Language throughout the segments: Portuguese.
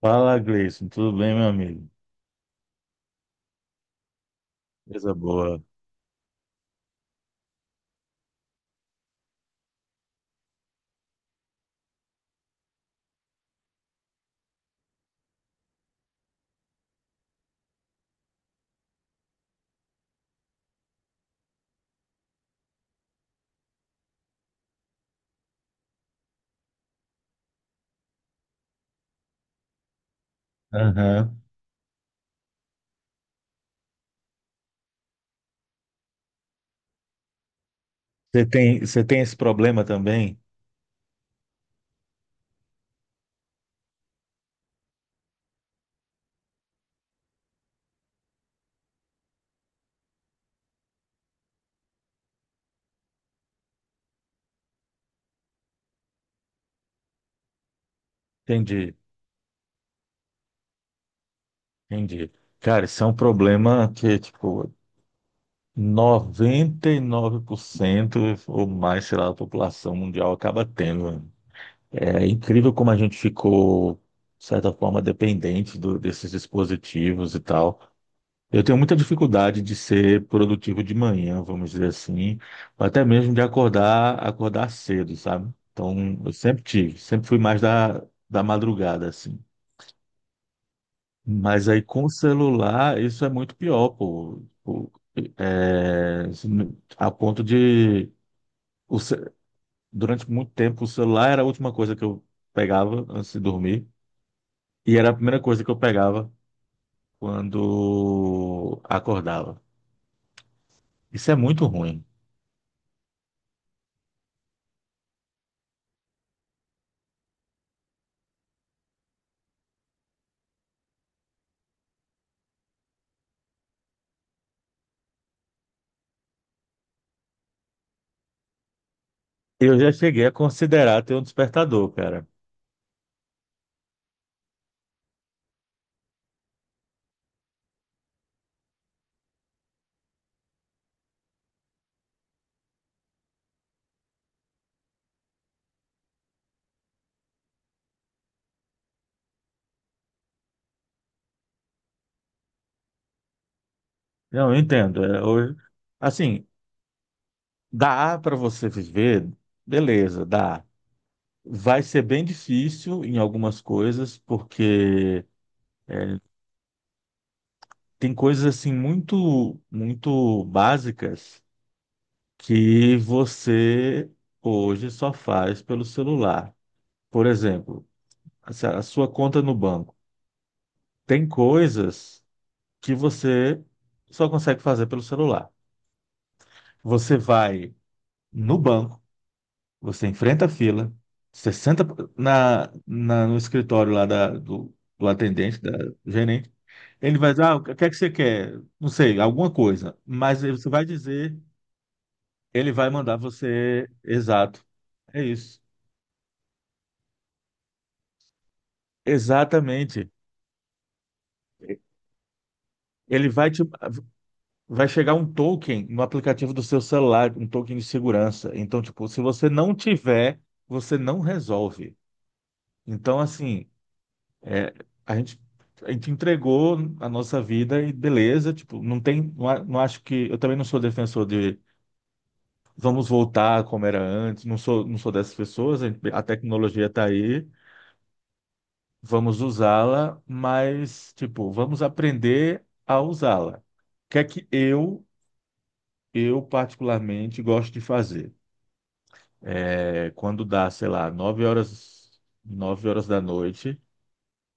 Fala, Gleison. Tudo bem, meu amigo? Coisa boa. Aham. Você tem esse problema também? Entendi, entendi. Cara, isso é um problema que, tipo, 99% ou mais, sei lá, da população mundial acaba tendo, mano. É incrível como a gente ficou, de certa forma, dependente desses dispositivos e tal. Eu tenho muita dificuldade de ser produtivo de manhã, vamos dizer assim, ou até mesmo de acordar, acordar cedo, sabe? Então, eu sempre tive, sempre fui mais da madrugada, assim. Mas aí com o celular, isso é muito pior, pô. Pô, é, a ponto de, o ce- durante muito tempo, o celular era a última coisa que eu pegava antes de dormir, e era a primeira coisa que eu pegava quando acordava. Isso é muito ruim. Eu já cheguei a considerar ter um despertador, cara. Não, eu entendo. É, hoje, assim, dá para você viver, beleza, dá. Vai ser bem difícil em algumas coisas, porque tem coisas assim muito, muito básicas que você hoje só faz pelo celular. Por exemplo, a sua conta no banco. Tem coisas que você só consegue fazer pelo celular. Você vai no banco. Você enfrenta a fila, você senta no escritório lá do atendente, da do gerente. Ele vai dizer, ah, o que é que você quer? Não sei, alguma coisa. Mas aí você vai dizer, ele vai mandar você, exato. É isso. Exatamente. Ele vai te, vai chegar um token no aplicativo do seu celular, um token de segurança. Então, tipo, se você não tiver, você não resolve. Então, assim, é, a gente, a gente entregou a nossa vida e beleza, tipo, não tem, não, não acho que, eu também não sou defensor de vamos voltar como era antes, não sou, não sou dessas pessoas, a, a tecnologia está aí, vamos usá-la, mas, tipo, vamos aprender a usá-la. O que é que eu particularmente gosto de fazer? É, quando dá, sei lá, nove horas da noite,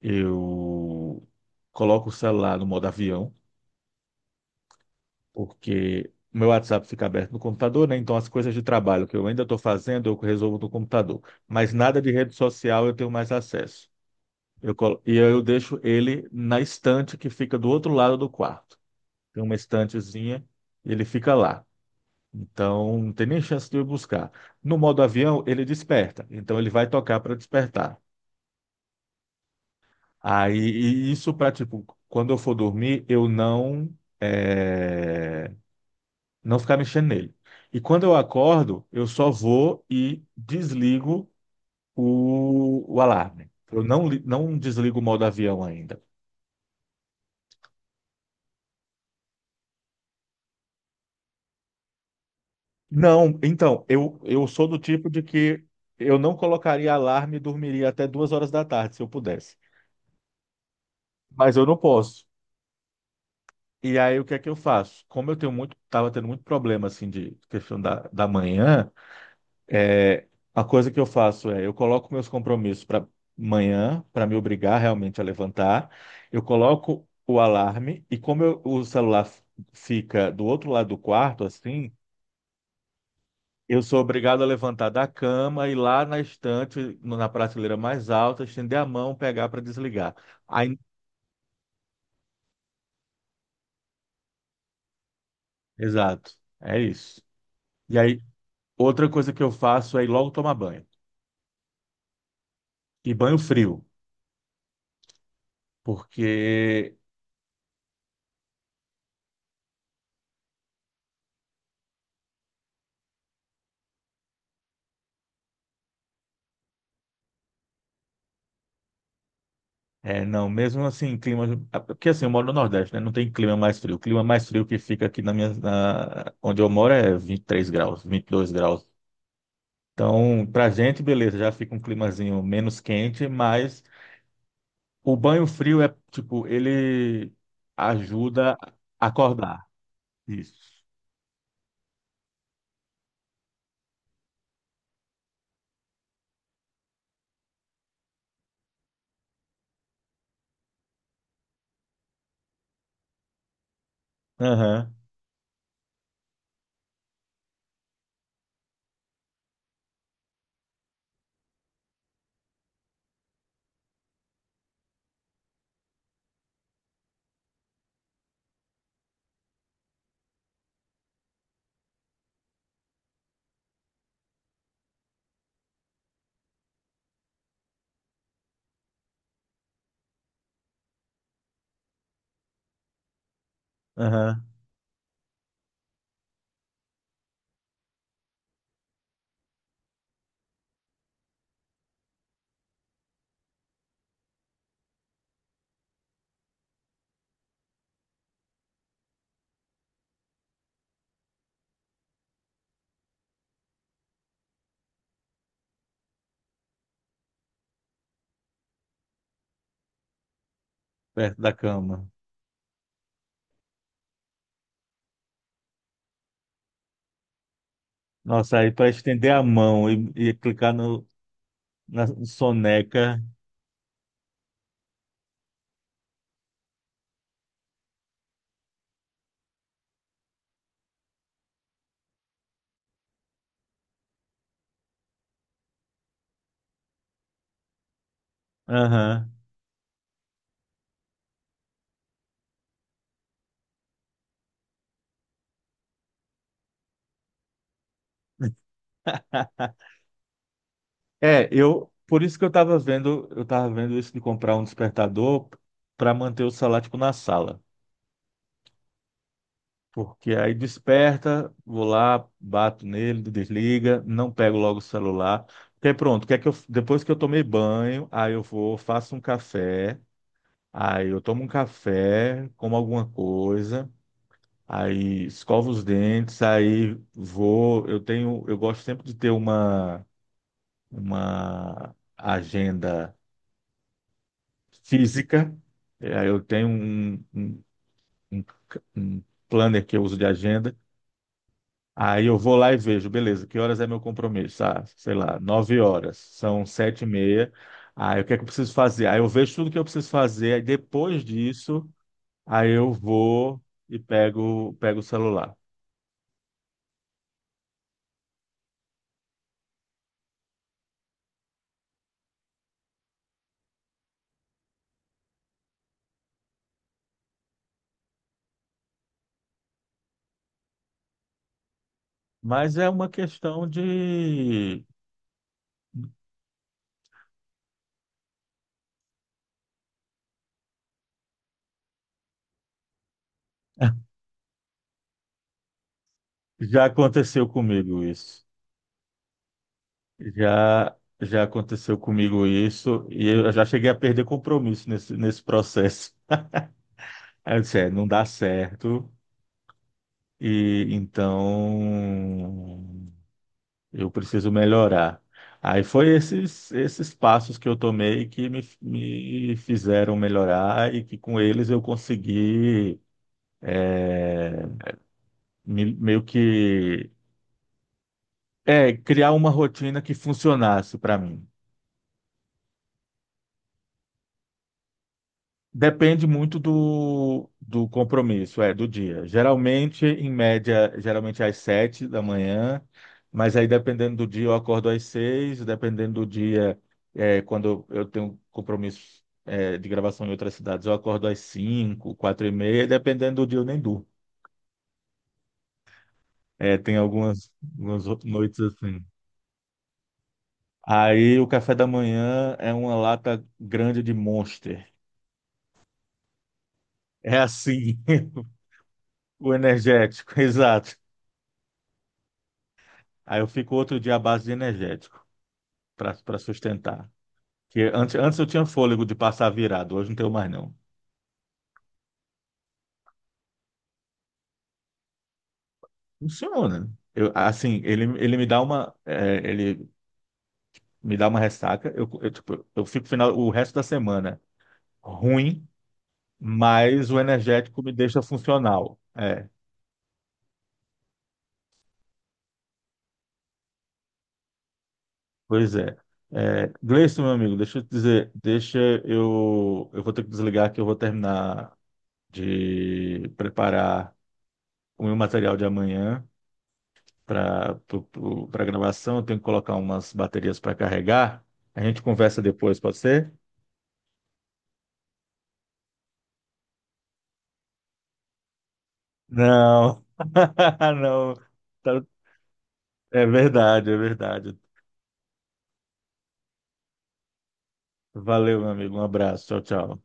eu coloco o celular no modo avião, porque o meu WhatsApp fica aberto no computador, né? Então as coisas de trabalho que eu ainda estou fazendo, eu resolvo no computador. Mas nada de rede social eu tenho mais acesso. E eu deixo ele na estante que fica do outro lado do quarto. Tem uma estantezinha e ele fica lá. Então, não tem nem chance de eu buscar. No modo avião, ele desperta. Então, ele vai tocar para despertar. Aí, e isso para, tipo, quando eu for dormir, eu não, eh, não ficar mexendo nele. E quando eu acordo, eu só vou e desligo o alarme. Eu não, não desligo o modo avião ainda. Não, então, eu sou do tipo de que eu não colocaria alarme e dormiria até duas horas da tarde, se eu pudesse. Mas eu não posso. E aí, o que é que eu faço? Como eu tenho muito, estava tendo muito problema, assim, de questão da manhã, é, a coisa que eu faço é, eu coloco meus compromissos para manhã, para me obrigar realmente a levantar. Eu coloco o alarme e o celular fica do outro lado do quarto, assim, eu sou obrigado a levantar da cama, ir lá na estante, na prateleira mais alta, estender a mão, pegar para desligar. Aí, exato, é isso. E aí, outra coisa que eu faço é ir logo tomar banho. E banho frio, porque é, não, mesmo assim, clima, é, porque assim, eu moro no Nordeste, né? Não tem clima mais frio. O clima mais frio que fica aqui na onde eu moro é 23 graus, vinte e dois graus. Então, pra gente, beleza, já fica um climazinho menos quente, mas o banho frio é, tipo, ele ajuda a acordar. Isso. Aham, aham, perto da cama. Nossa, aí para estender a mão e clicar no, na soneca. Aham. É, eu por isso que eu tava vendo isso de comprar um despertador para manter o celular tipo, na sala, porque aí desperta, vou lá, bato nele, desliga, não pego logo o celular. Porque aí pronto, que é que eu, depois que eu tomei banho, aí eu vou, faço um café, aí eu tomo um café, como alguma coisa, aí escovo os dentes, aí vou, eu tenho, eu gosto sempre de ter uma agenda física. É, eu tenho um- um planner que eu uso de agenda. Aí eu vou lá e vejo, beleza, que horas é meu compromisso? Ah, sei lá, nove horas, são sete e meia. Aí o que é que eu preciso fazer? Aí eu vejo tudo que eu preciso fazer, aí depois disso, aí eu vou e pego, pego o celular. Mas é uma questão de. Já aconteceu comigo isso. Já, já aconteceu comigo isso e eu já cheguei a perder compromisso nesse processo. Aí eu disse, é, não dá certo e então eu preciso melhorar. Aí foi esses passos que eu tomei que me fizeram melhorar e que com eles eu consegui é, meio que é, criar uma rotina que funcionasse para mim. Depende muito do compromisso, é, do dia. Geralmente, em média, geralmente às sete da manhã, mas aí dependendo do dia eu acordo às seis, dependendo do dia, é, quando eu tenho compromisso, é, de gravação em outras cidades, eu acordo às cinco, quatro e meia, dependendo do dia eu nem durmo. É, tem algumas, algumas outras noites assim. Aí o café da manhã é uma lata grande de Monster. É assim, o energético, exato. Aí eu fico outro dia à base de energético para para sustentar. Que antes, antes eu tinha fôlego de passar virado, hoje não tenho mais não. Funciona. Eu, assim, ele me dá uma é, ele me dá uma ressaca. Eu, tipo, eu fico final o resto da semana ruim, mas o energético me deixa funcional. É, pois é. É, Gleison, meu amigo, deixa eu te dizer, deixa eu vou ter que desligar que eu vou terminar de preparar o meu material de amanhã, para para gravação, eu tenho que colocar umas baterias para carregar. A gente conversa depois, pode ser? Não, não. Tá- é verdade, é verdade. Valeu, meu amigo. Um abraço. Tchau, tchau.